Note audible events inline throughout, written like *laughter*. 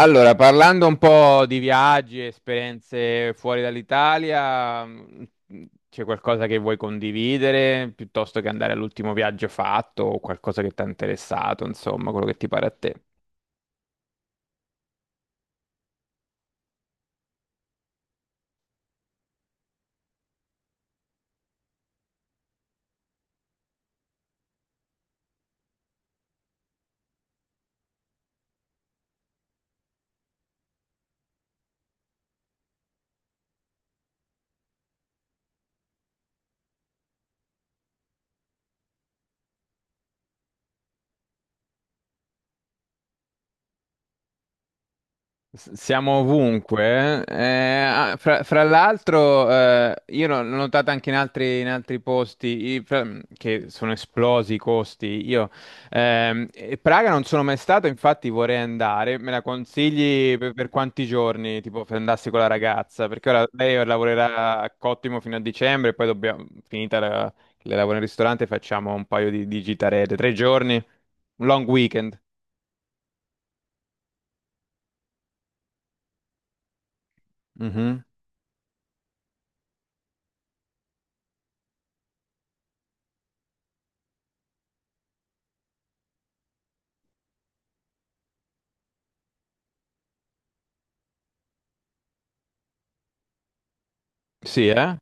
Allora, parlando un po' di viaggi, esperienze fuori dall'Italia, c'è qualcosa che vuoi condividere piuttosto che andare all'ultimo viaggio fatto o qualcosa che ti ha interessato, insomma, quello che ti pare a te. Siamo ovunque. Fra l'altro, io l'ho notato anche in altri posti i- fra- che sono esplosi i costi. E Praga non sono mai stato, infatti vorrei andare. Me la consigli per quanti giorni? Tipo, se andassi con la ragazza, perché ora lei lavorerà a Cottimo fino a dicembre, e poi dobbiamo, finita la, le lavoro in ristorante, facciamo un paio di gitarette. Tre giorni, un long weekend. Mhm. Sì, eh?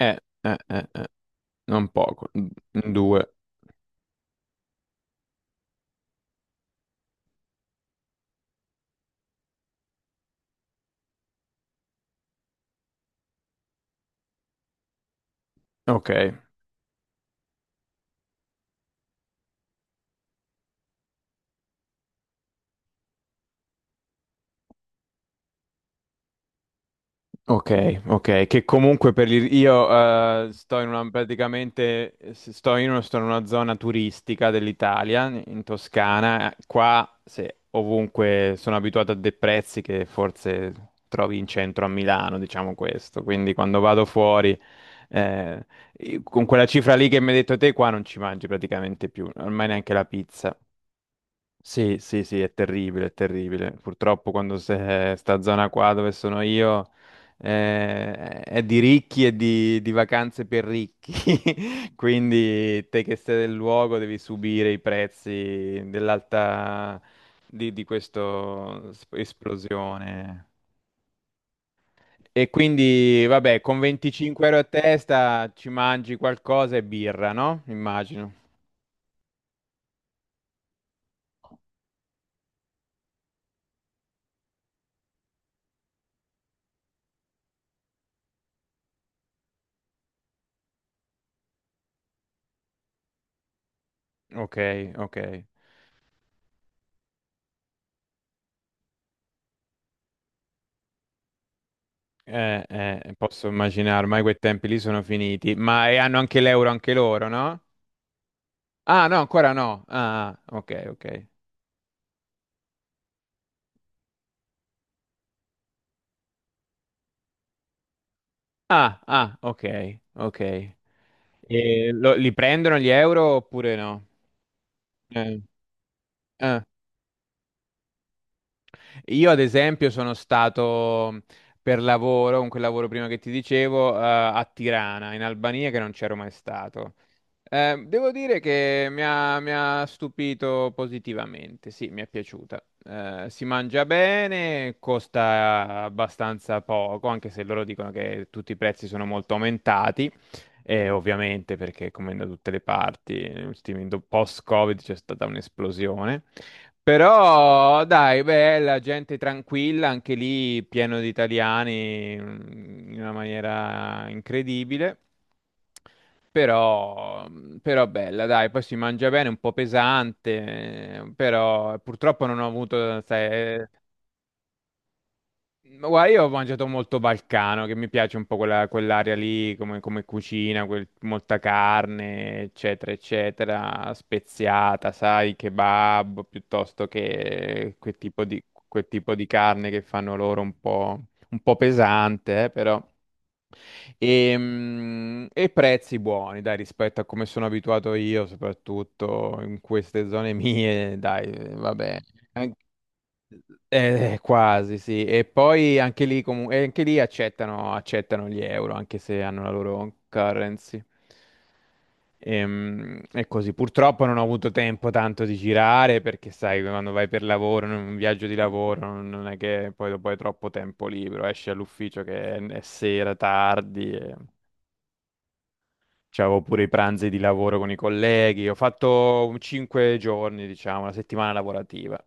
Eh, eh, eh, eh. Non poco, un due. Ok, ok, ok. Che comunque io sto in una praticamente sto in una zona turistica dell'Italia, in Toscana. Qua se, ovunque sono abituato a dei prezzi che forse trovi in centro a Milano, diciamo questo. Quindi quando vado fuori, eh, con quella cifra lì che mi hai detto te, qua non ci mangi praticamente più, ormai neanche la pizza. Sì, sì, sì, è terribile, è terribile. Purtroppo quando se sta zona qua dove sono io eh, è di ricchi e di vacanze per ricchi, *laughs* quindi te che sei del luogo devi subire i prezzi dell'alta di questo esplosione. E quindi, vabbè, con 25 euro a testa ci mangi qualcosa e birra, no? Immagino. Ok, ok. Posso immaginare, ormai quei tempi lì sono finiti, ma e hanno anche l'euro anche loro, no? Ah, no, ancora no. Ah, ah, ok, ok. Ah, ah, ok, ok. E li prendono gli euro oppure no? Eh, eh, Io, ad esempio, sono stato per lavoro, con quel lavoro prima che ti dicevo, a Tirana, in Albania, che non c'ero mai stato. Devo dire che mi ha stupito positivamente, sì, mi è piaciuta. Si mangia bene, costa abbastanza poco, anche se loro dicono che tutti i prezzi sono molto aumentati, e ovviamente perché come da tutte le parti, post-Covid c'è stata un'esplosione. Però dai, bella, gente tranquilla, anche lì pieno di italiani in una maniera incredibile. Però, però bella, dai, poi si mangia bene, un po' pesante, però purtroppo non ho avuto, sai, eh, ma guarda, io ho mangiato molto balcano, che mi piace un po' quell'area lì, come cucina, molta carne, eccetera, eccetera, speziata, sai, kebab, piuttosto che quel tipo di carne che fanno loro un po' pesante, però. Prezzi buoni, dai, rispetto a come sono abituato io, soprattutto in queste zone mie, dai, vabbè. Quasi, sì. E poi anche lì, e anche lì accettano gli euro, anche se hanno la loro currency. Così, purtroppo non ho avuto tempo tanto di girare perché sai, quando vai per lavoro, in un viaggio di lavoro, non è che poi dopo hai troppo tempo libero, esci all'ufficio che è sera, tardi, e... c'avevo pure i pranzi di lavoro con i colleghi, ho fatto 5 giorni, diciamo, una settimana lavorativa.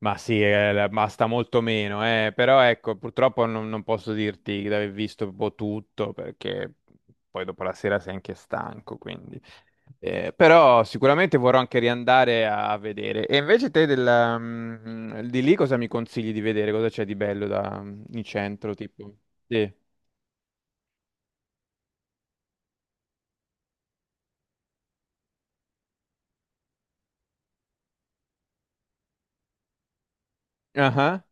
Ma sì, basta molto meno, eh. Però ecco, purtroppo non posso dirti di aver visto un po' tutto perché poi dopo la sera sei anche stanco, quindi. Però sicuramente vorrò anche riandare a vedere. E invece te del, di lì cosa mi consigli di vedere? Cosa c'è di bello da, in centro, tipo? Sì. Ah,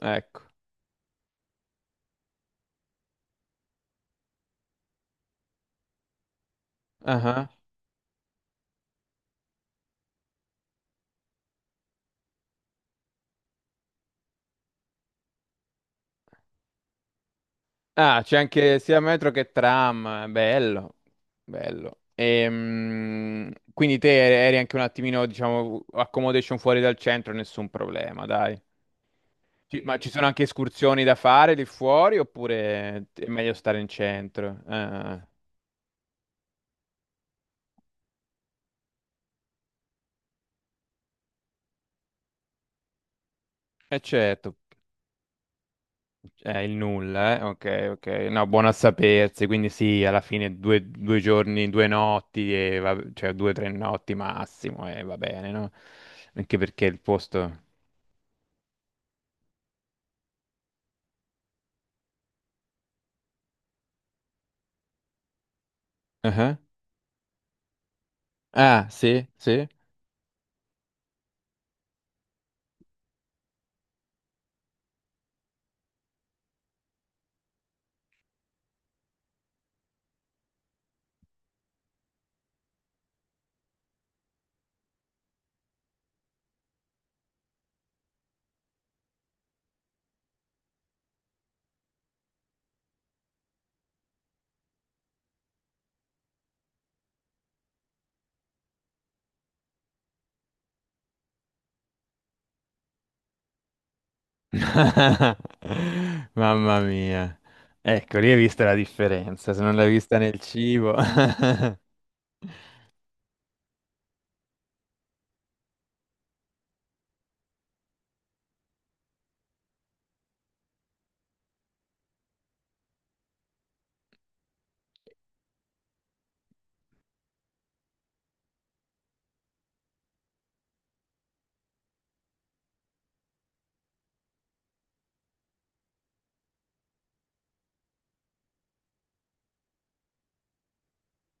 ecco. Ah. Ah, c'è anche sia metro che tram, bello, bello. Quindi te eri anche un attimino, diciamo, accommodation fuori dal centro, nessun problema, dai. Sì. Ma ci sono anche escursioni da fare lì fuori oppure è meglio stare in centro? Ah, eh certo, è il nulla, eh? Ok, ok. No, buono a sapersi, quindi sì, alla fine due giorni, due notti, cioè due o tre notti massimo e va bene, no? Anche perché il posto... Ah. Ah. Ah, sì, sì. *laughs* Mamma mia. Ecco, lì hai visto la differenza, se non l'hai vista nel cibo. *laughs*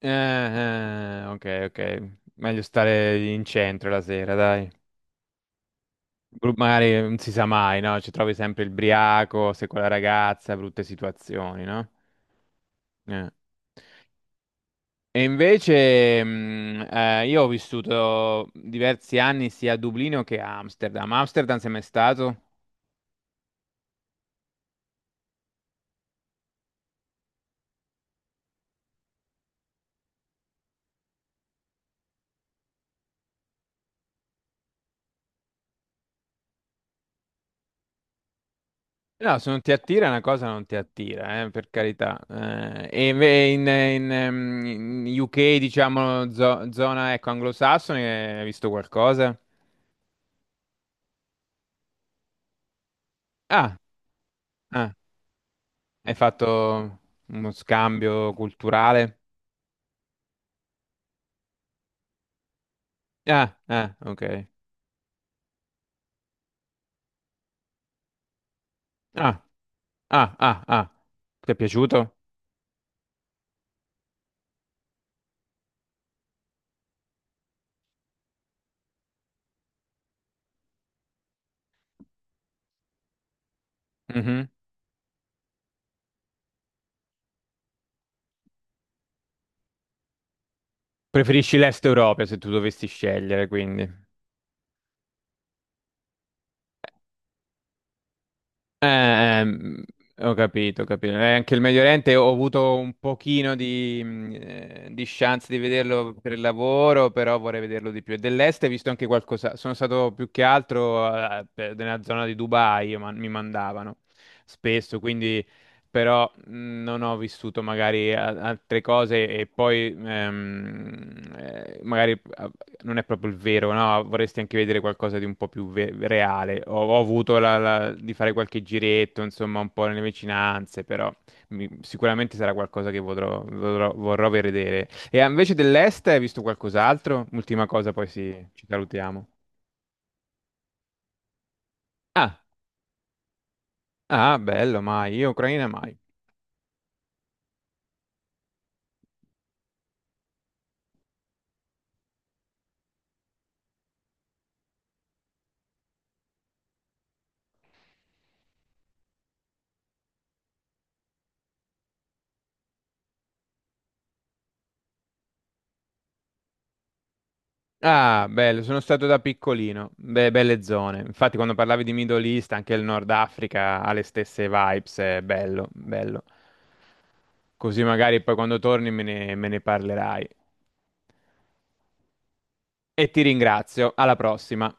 Ok, ok. Meglio stare in centro la sera, dai. Magari non si sa mai, no? Ci trovi sempre il briaco, sei con la ragazza, brutte situazioni, no? Eh. E invece, io ho vissuto diversi anni sia a Dublino che a Amsterdam. Amsterdam sei mai stato? No, se non ti attira una cosa non ti attira, per carità. In UK, diciamo, zona ecco, anglosassone, hai visto qualcosa? Ah, ah, hai fatto uno scambio culturale? Ah, ah, ok. Ah, ah, ah, ah. Ti è piaciuto? Mhm. Preferisci l'Est Europa se tu dovessi scegliere, quindi. Eh, ehm, ho capito, ho capito. Anche il Medio Oriente ho avuto un pochino di chance di vederlo per il lavoro, però vorrei vederlo di più. E dell'est hai visto anche qualcosa. Sono stato più che altro nella zona di Dubai, io mi mandavano spesso, quindi però non ho vissuto magari altre cose e poi non è proprio il vero, no? Vorresti anche vedere qualcosa di un po' più reale. Ho avuto di fare qualche giretto, insomma, un po' nelle vicinanze, però sicuramente sarà qualcosa che vorrò vedere. E invece dell'est hai visto qualcos'altro? Ultima cosa, poi sì, ci salutiamo. Ah, ah, bello, mai. Io Ucraina mai. Ah, bello, sono stato da piccolino, belle zone. Infatti, quando parlavi di Middle East, anche il Nord Africa ha le stesse vibes, è bello, bello. Così magari poi quando torni me ne parlerai. E ti ringrazio, alla prossima.